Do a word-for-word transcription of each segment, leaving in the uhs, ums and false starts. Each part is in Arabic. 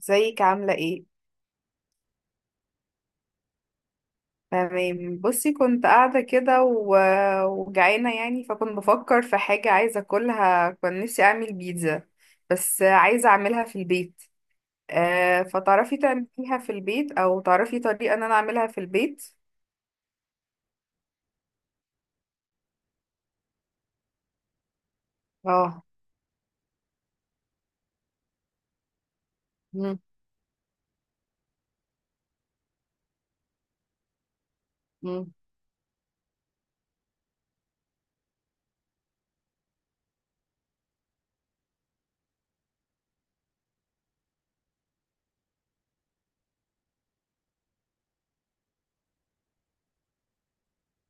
ازيك؟ عاملة ايه؟ تمام، بصي كنت قاعدة كده و... وجعانة، يعني فكنت بفكر في حاجة عايزة اكلها. كان نفسي اعمل بيتزا بس عايزة اعملها في البيت. آه، فتعرفي تعمليها في البيت او تعرفي طريقة ان انا اعملها في البيت؟ اه. مم. مم.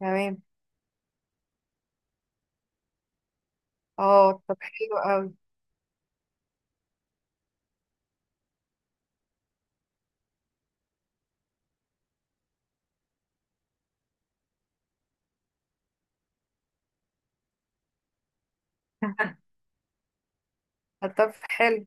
تمام. اه طب حلو قوي. طب حلو.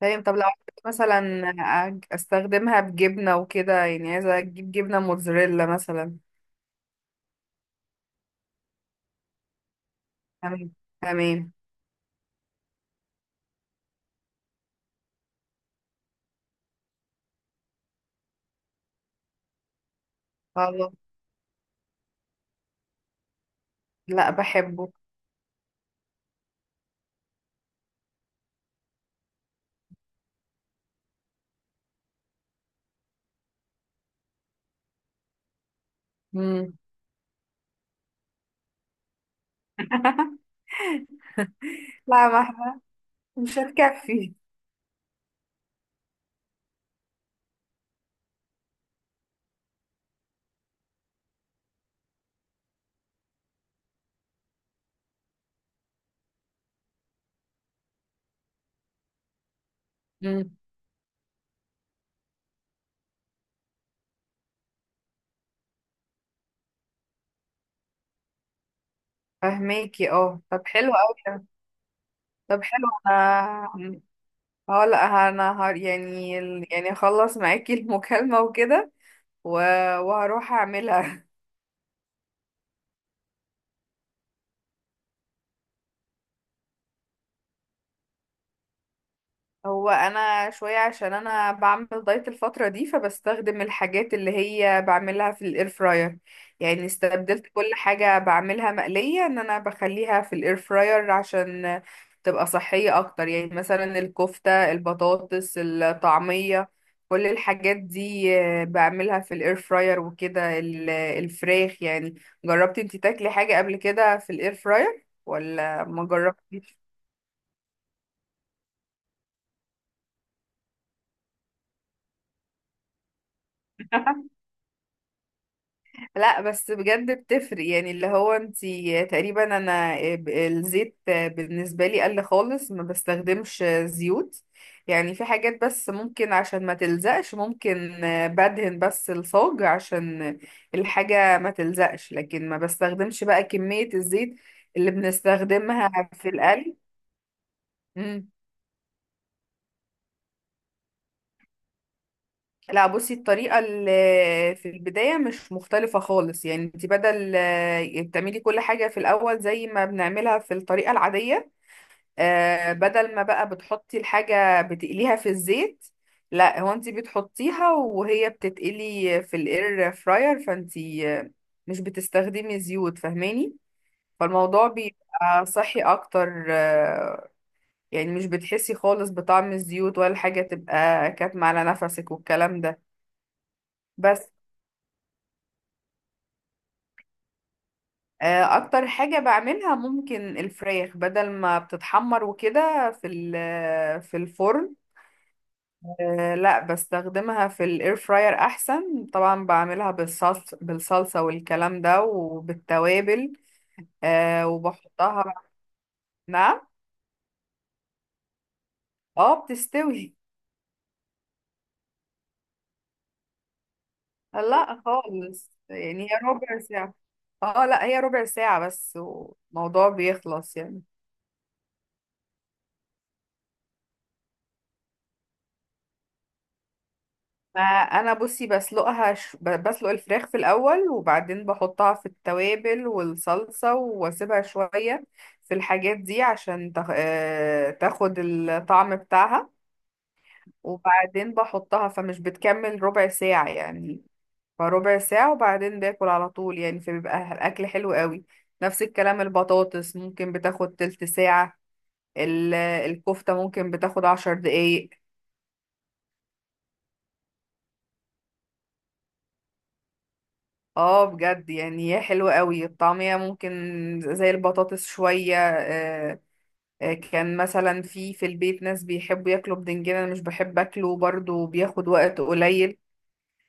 تمام. طب لو عايزة مثلا أج- استخدمها بجبنة وكده، يعني عايزة اجيب جبنة موتزاريلا مثلا. تمام. تمام. خلاص. لا بحبه. امم. لا ما احنا مش هتكفي. امم. فهماكي، اه طب حلو قوي. طب حلو. انا اه لا، انا هر يعني، يعني اخلص معاكي المكالمة وكده و... وهروح اعملها. هو انا شويه عشان انا بعمل دايت الفتره دي، فبستخدم الحاجات اللي هي بعملها في الاير فراير. يعني استبدلت كل حاجه بعملها مقليه ان انا بخليها في الاير فراير عشان تبقى صحيه اكتر، يعني مثلا الكفته، البطاطس، الطعميه، كل الحاجات دي آه، بعملها في الاير فراير وكده، ال- الفراخ يعني. جربتي انتي تاكلي حاجه قبل كده في الاير فراير ولا ما جربتيش؟ لا بس بجد بتفرق، يعني اللي هو انتي تقريبا انا آه، ب- الزيت بالنسبة لي قل خالص، ما بستخدمش زيوت. يعني في حاجات بس ممكن عشان ما تلزقش ممكن، آه، بدهن بس الصاج عشان الحاجة ما تلزقش، لكن ما بستخدمش بقى كمية الزيت اللي بنستخدمها في القلي. مم. لا بصي الطريقة اللي في البداية مش مختلفة خالص، يعني انت بدل آه، بتعملي كل حاجة في الأول زي ما بنعملها في الطريقة العادية، آه، بدل ما بقى بتحطي الحاجة بتقليها في الزيت، لا هو انت بتحطيها وهي بتتقلي في الاير فراير، فانت آه، مش بتستخدمي زيوت، فاهماني؟ فالموضوع بيبقى صحي اكتر، آه، يعني مش بتحسي خالص بطعم الزيوت ولا حاجة تبقى كاتمة على نفسك والكلام ده. بس آه، اكتر حاجة بعملها ممكن الفراخ، بدل ما بتتحمر وكده في ال- آه، في الفرن، آه، لا بستخدمها في الاير فراير احسن طبعا. بعملها بالصلصة بالصلصة والكلام ده وبالتوابل، آه، وبحطها بقى. نعم. اه بتستوي. آه، لا خالص، يعني هي ربع ساعة. اه لا هي ربع ساعة بس والموضوع بيخلص يعني. ما انا بصي بسلقها ش... ب- بسلق الفراخ في الاول، وبعدين بحطها في التوابل والصلصه واسيبها شويه في الحاجات دي عشان تخ... آه، تاخد الطعم بتاعها، وبعدين بحطها، فمش بتكمل ربع ساعه يعني. فربع ساعه وبعدين باكل على طول يعني، فبيبقى الاكل حلو قوي. نفس الكلام البطاطس ممكن بتاخد تلت ساعه، ال... الكفته ممكن بتاخد عشر دقايق. اه بجد يعني هي حلوة قوي الطعمية، ممكن زي البطاطس شوية. آه، آه، كان مثلا في في البيت ناس بيحبوا ياكلوا بدنجان، انا مش بحب اكله برضو، بياخد وقت قليل.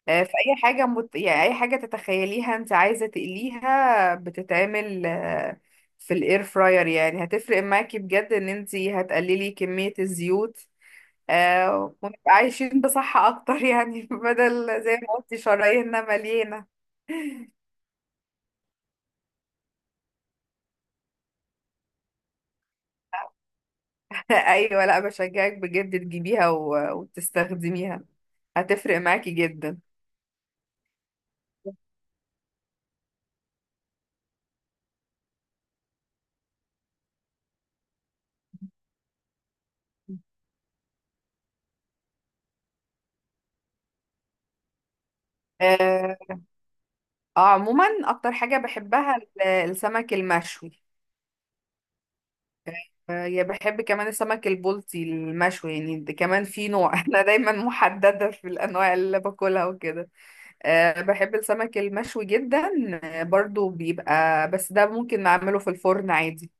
آه، فأي حاجة مت... يعني أي حاجة تتخيليها انت عايزة تقليها بتتعمل، آه، في الاير فراير، يعني هتفرق معاكي بجد ان انت هتقللي كمية الزيوت، آه، ونبقى عايشين بصحة اكتر يعني. بدل زي ما قلتي شراييننا مليانة. ايوه، لا بشجعك بجد تجيبيها و- وتستخدميها، هتفرق معاكي جدا. آه. آه، عموما اكتر حاجة بحبها ال- السمك المشوي. آه، يا بحب كمان السمك البلطي المشوي، يعني ده كمان في نوع. انا دايما محددة في الانواع اللي باكلها وكده. آه بحب السمك المشوي جدا. آه برضو بيبقى، بس ده ممكن نعمله في الفرن عادي.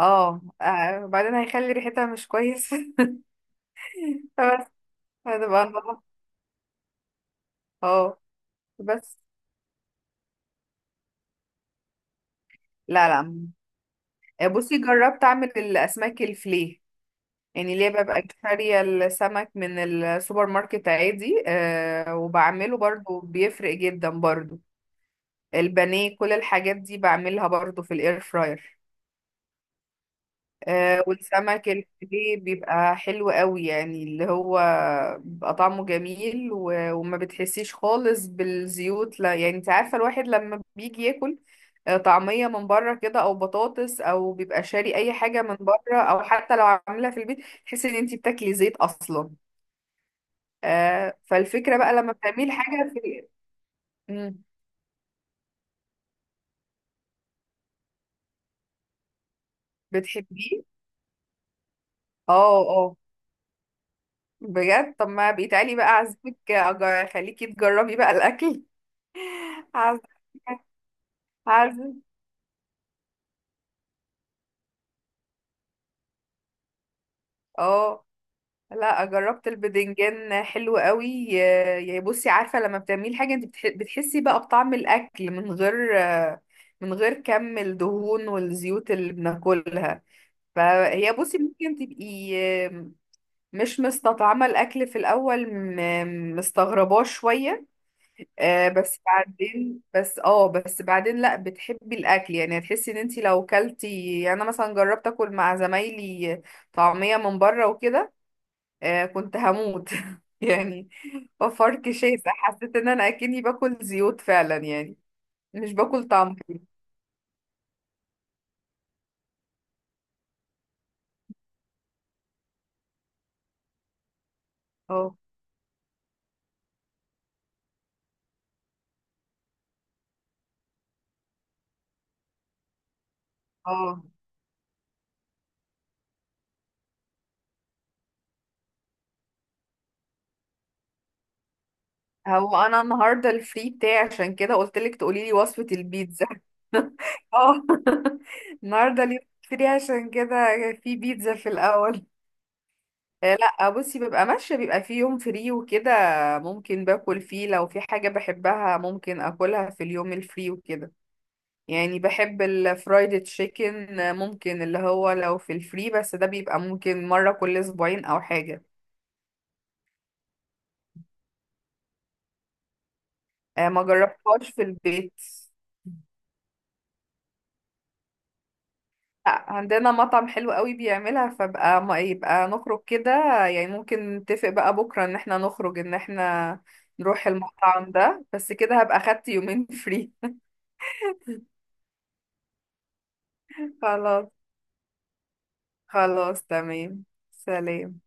اه، آه، وبعدين هيخلي ريحتها مش كويس. بس هتبقى نضيفة. اه بس. لا لا. آه، بصي جربت اعمل الاسماك الفليه، يعني ليه ببقى شارية السمك من السوبر ماركت عادي. آه وبعمله برضو بيفرق جدا برضو. البانيه كل الحاجات دي بعملها برضو في الاير فراير. آه، والسمك الفيليه بيبقى حلو قوي، يعني اللي هو بيبقى طعمه جميل و- وما بتحسيش خالص بالزيوت، لا. يعني انت عارفة الواحد لما بيجي ياكل، آه، طعمية من بره كده او بطاطس او بيبقى شاري اي حاجة من بره او حتى لو عاملها في البيت، تحسي ان انت بتاكلي زيت اصلا. آه، فالفكرة بقى لما بتعملي حاجة في. مم. بتحبيه. اه اه. بجد طب ما بقيت علي بقى اعزمك، أج- اخليكي تجربي بقى الاكل. عزمك. عارفه. اه لا جربت البدنجان حلو قوي. يا يا بصي عارفه لما بتعملي حاجه انت بتح- بتحسي بقى بطعم الاكل من غير، من غير كم الدهون والزيوت اللي بناكلها، فهي بصي ممكن تبقي، آه، مش مستطعمه الاكل في الاول م- مستغرباه شويه، آه، بس بعدين، بس اه بس بعدين لا بتحبي الاكل، يعني هتحسي ان انت لو كلتي، يعني انا مثلا جربت اكل مع زمايلي طعميه من بره وكده، آه كنت هموت. يعني وفرك شاسع، حسيت ان انا اكني باكل زيوت فعلا يعني، مش باكل طعم. اه اه. هو انا النهارده الفري بتاعي، عشان كده قلت لك تقولي لي وصفة البيتزا. اه. النهارده اليوم فري، عشان كده في بيتزا في الاول. آه، لا بصي ببقى ماشيه بيبقى في يوم فري وكده، ممكن باكل فيه لو في حاجه بحبها ممكن اكلها في اليوم الفري وكده. يعني بحب الفرايد تشيكن، ممكن اللي هو لو في الفري، بس ده بيبقى ممكن مرة كل اسبوعين او حاجة. آه، ما جربتهاش في البيت. آه، عندنا مطعم حلو قوي بيعملها، فبقى ما يبقى نخرج كده يعني. ممكن نتفق بقى بكرة ان احنا نخرج، ان احنا نروح المطعم ده. بس كده هبقى خدت يومين فري. خلاص. خلاص تمام. سلام.